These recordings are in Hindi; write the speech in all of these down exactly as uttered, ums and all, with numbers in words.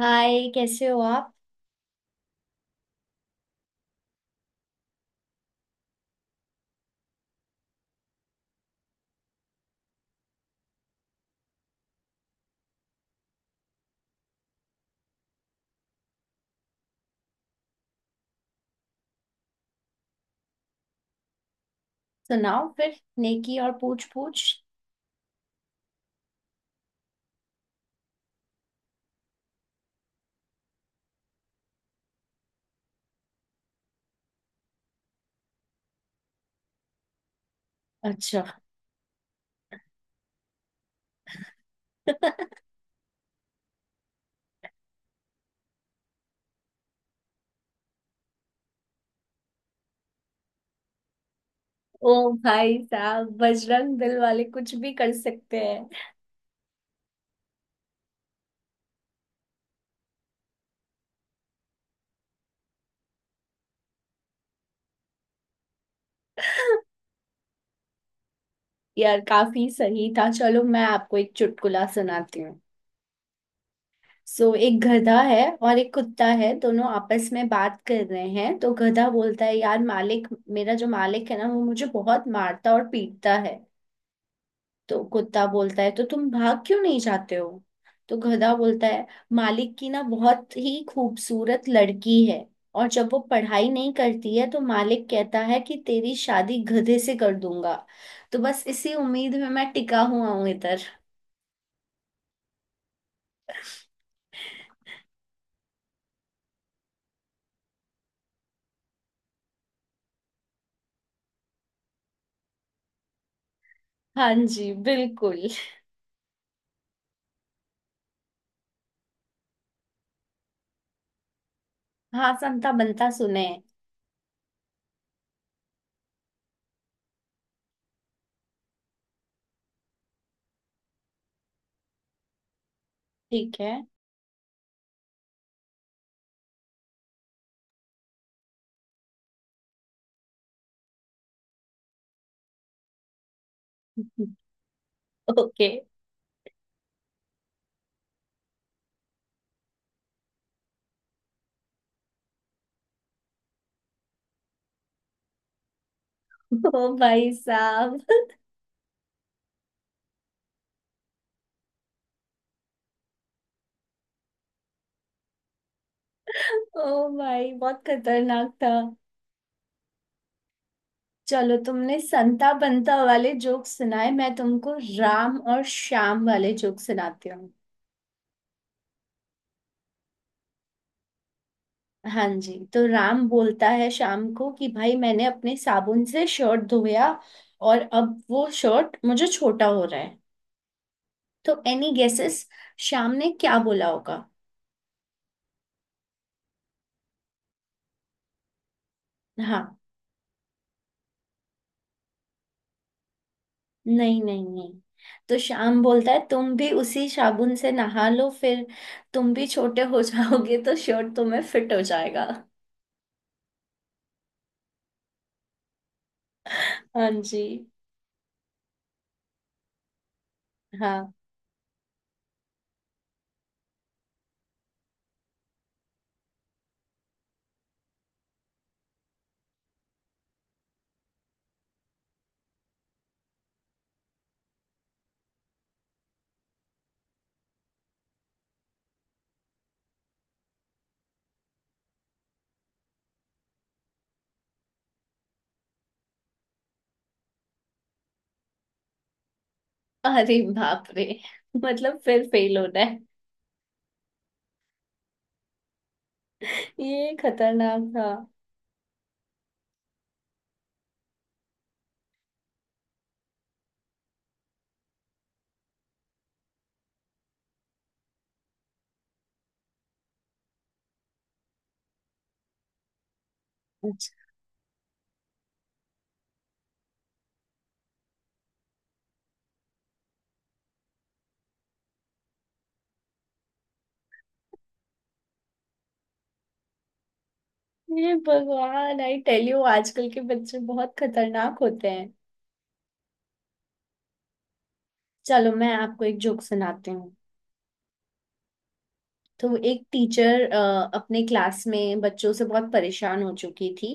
हाय, कैसे हो आप। सुनाओ फिर। नेकी और पूछ पूछ। अच्छा। ओ भाई साहब, बजरंग दल वाले कुछ भी कर सकते हैं। यार, काफी सही था। चलो, मैं आपको एक चुटकुला सुनाती हूँ। सो, एक गधा है और एक कुत्ता है। दोनों आपस में बात कर रहे हैं। तो गधा बोलता है, यार मालिक, मेरा जो मालिक है ना वो मुझे बहुत मारता और पीटता है। तो कुत्ता बोलता है, तो तुम भाग क्यों नहीं जाते हो? तो गधा बोलता है, मालिक की ना बहुत ही खूबसूरत लड़की है। और जब वो पढ़ाई नहीं करती है तो मालिक कहता है कि तेरी शादी गधे से कर दूंगा। तो बस इसी उम्मीद में मैं टिका हुआ हूं इधर। हाँ जी, बिल्कुल। हाँ, संता बनता सुने। ठीक है। ओके। ओ भाई साहब। ओ भाई, बहुत खतरनाक था। चलो, तुमने संता बंता वाले जोक सुनाए, मैं तुमको राम और श्याम वाले जोक सुनाती हूँ। हाँ जी, तो राम बोलता है शाम को कि भाई, मैंने अपने साबुन से शर्ट धोया और अब वो शर्ट मुझे छोटा हो रहा है। तो एनी गेसेस, श्याम ने क्या बोला होगा? हाँ। नहीं नहीं नहीं। तो श्याम बोलता है, तुम भी उसी साबुन से नहा लो फिर। तुम भी छोटे हो जाओगे तो शर्ट तुम्हें फिट हो जाएगा। हाँ जी। हाँ। अरे बाप रे, मतलब फिर फेल होना है। ये खतरनाक था। अच्छा। ये भगवान, आई टेल यू, आजकल के बच्चे बहुत खतरनाक होते हैं। चलो, मैं आपको एक जोक सुनाती हूँ। तो एक टीचर अपने क्लास में बच्चों से बहुत परेशान हो चुकी थी।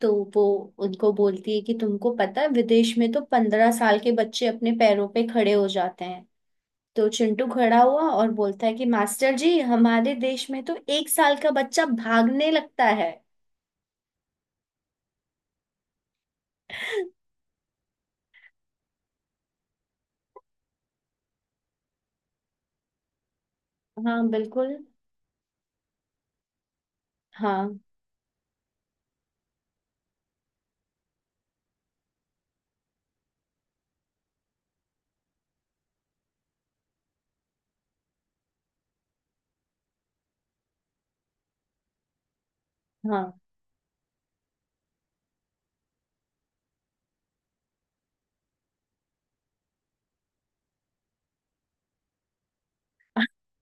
तो वो उनको बोलती है कि तुमको पता है, विदेश में तो पंद्रह साल के बच्चे अपने पैरों पे खड़े हो जाते हैं। तो चिंटू खड़ा हुआ और बोलता है कि मास्टर जी, हमारे देश में तो एक साल का बच्चा भागने लगता है। हाँ बिल्कुल। हाँ हाँ।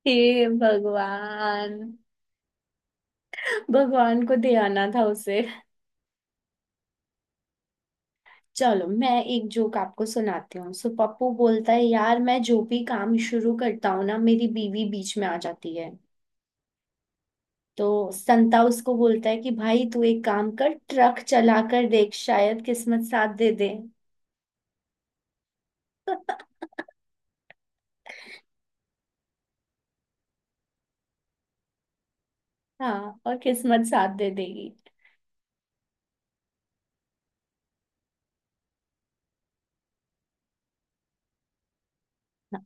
हे भगवान, भगवान को ध्याना था उसे। चलो, मैं एक जोक आपको सुनाती हूँ। सो पप्पू बोलता है, यार मैं जो भी काम शुरू करता हूँ ना, मेरी बीवी बीच में आ जाती है। तो संता उसको बोलता है कि भाई, तू एक काम कर, ट्रक चला कर देख, शायद किस्मत साथ दे दे। हाँ, और किस्मत साथ दे देगी। हाँ,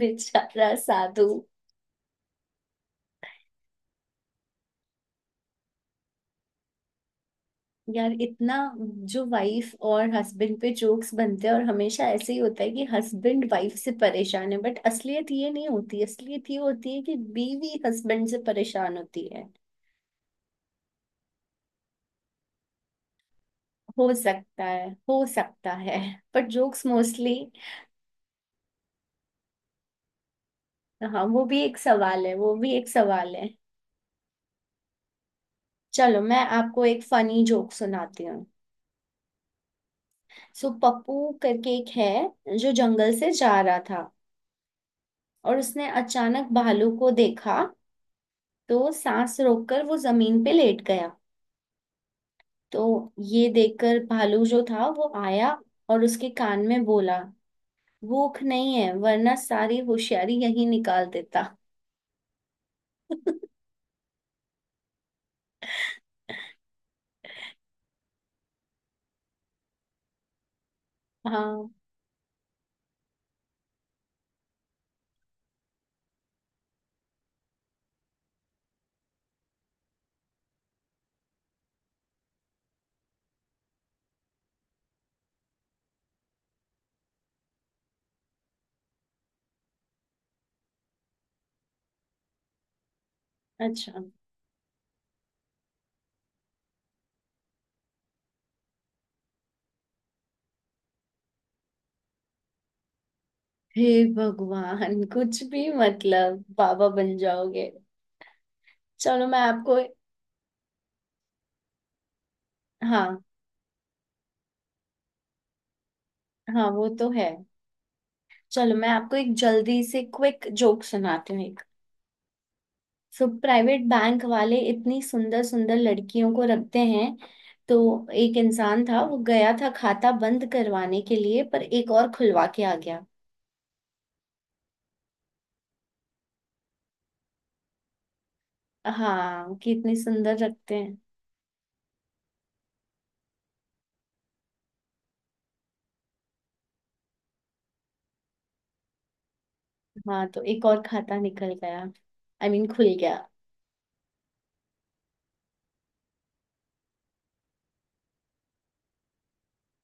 बेचारा साधु। यार, इतना जो वाइफ और हस्बैंड पे जोक्स बनते हैं, और हमेशा ऐसे ही होता है कि हस्बैंड वाइफ से परेशान है, बट असलियत ये नहीं होती। असलियत ये होती है कि बीवी हस्बैंड से परेशान होती है। हो सकता है, हो सकता है। पर जोक्स मोस्टली। हाँ, वो भी एक सवाल है, वो भी एक सवाल है। चलो, मैं आपको एक फनी जोक सुनाती हूँ। सो पप्पू करके एक है जो जंगल से जा रहा था, और उसने अचानक भालू को देखा। तो सांस रोककर वो जमीन पे लेट गया। तो ये देखकर भालू जो था वो आया, और उसके कान में बोला, भूख नहीं है, वरना सारी होशियारी यही निकाल देता। हाँ। अच्छा। हे भगवान, कुछ भी, मतलब बाबा बन जाओगे। चलो मैं आपको। हाँ। हाँ, वो तो है। चलो, मैं आपको एक जल्दी से क्विक जोक सुनाती हूँ। सो प्राइवेट बैंक वाले इतनी सुंदर सुंदर लड़कियों को रखते हैं। तो एक इंसान था, वो गया था खाता बंद करवाने के लिए, पर एक और खुलवा के आ गया। हाँ, कि इतनी सुंदर रखते हैं। हाँ, तो एक और खाता निकल गया, आई I मीन mean, खुल गया।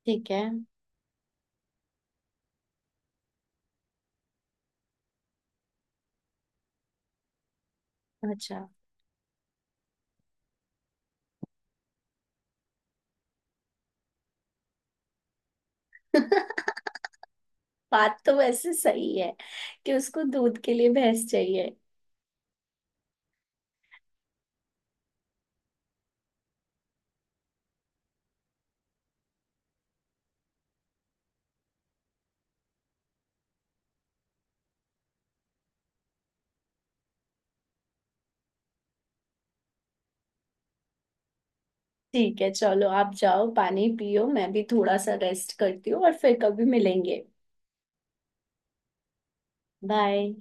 ठीक है। अच्छा। बात तो वैसे सही है कि उसको दूध के लिए भैंस चाहिए। ठीक है, चलो आप जाओ पानी पियो, मैं भी थोड़ा सा रेस्ट करती हूँ, और फिर कभी मिलेंगे। बाय।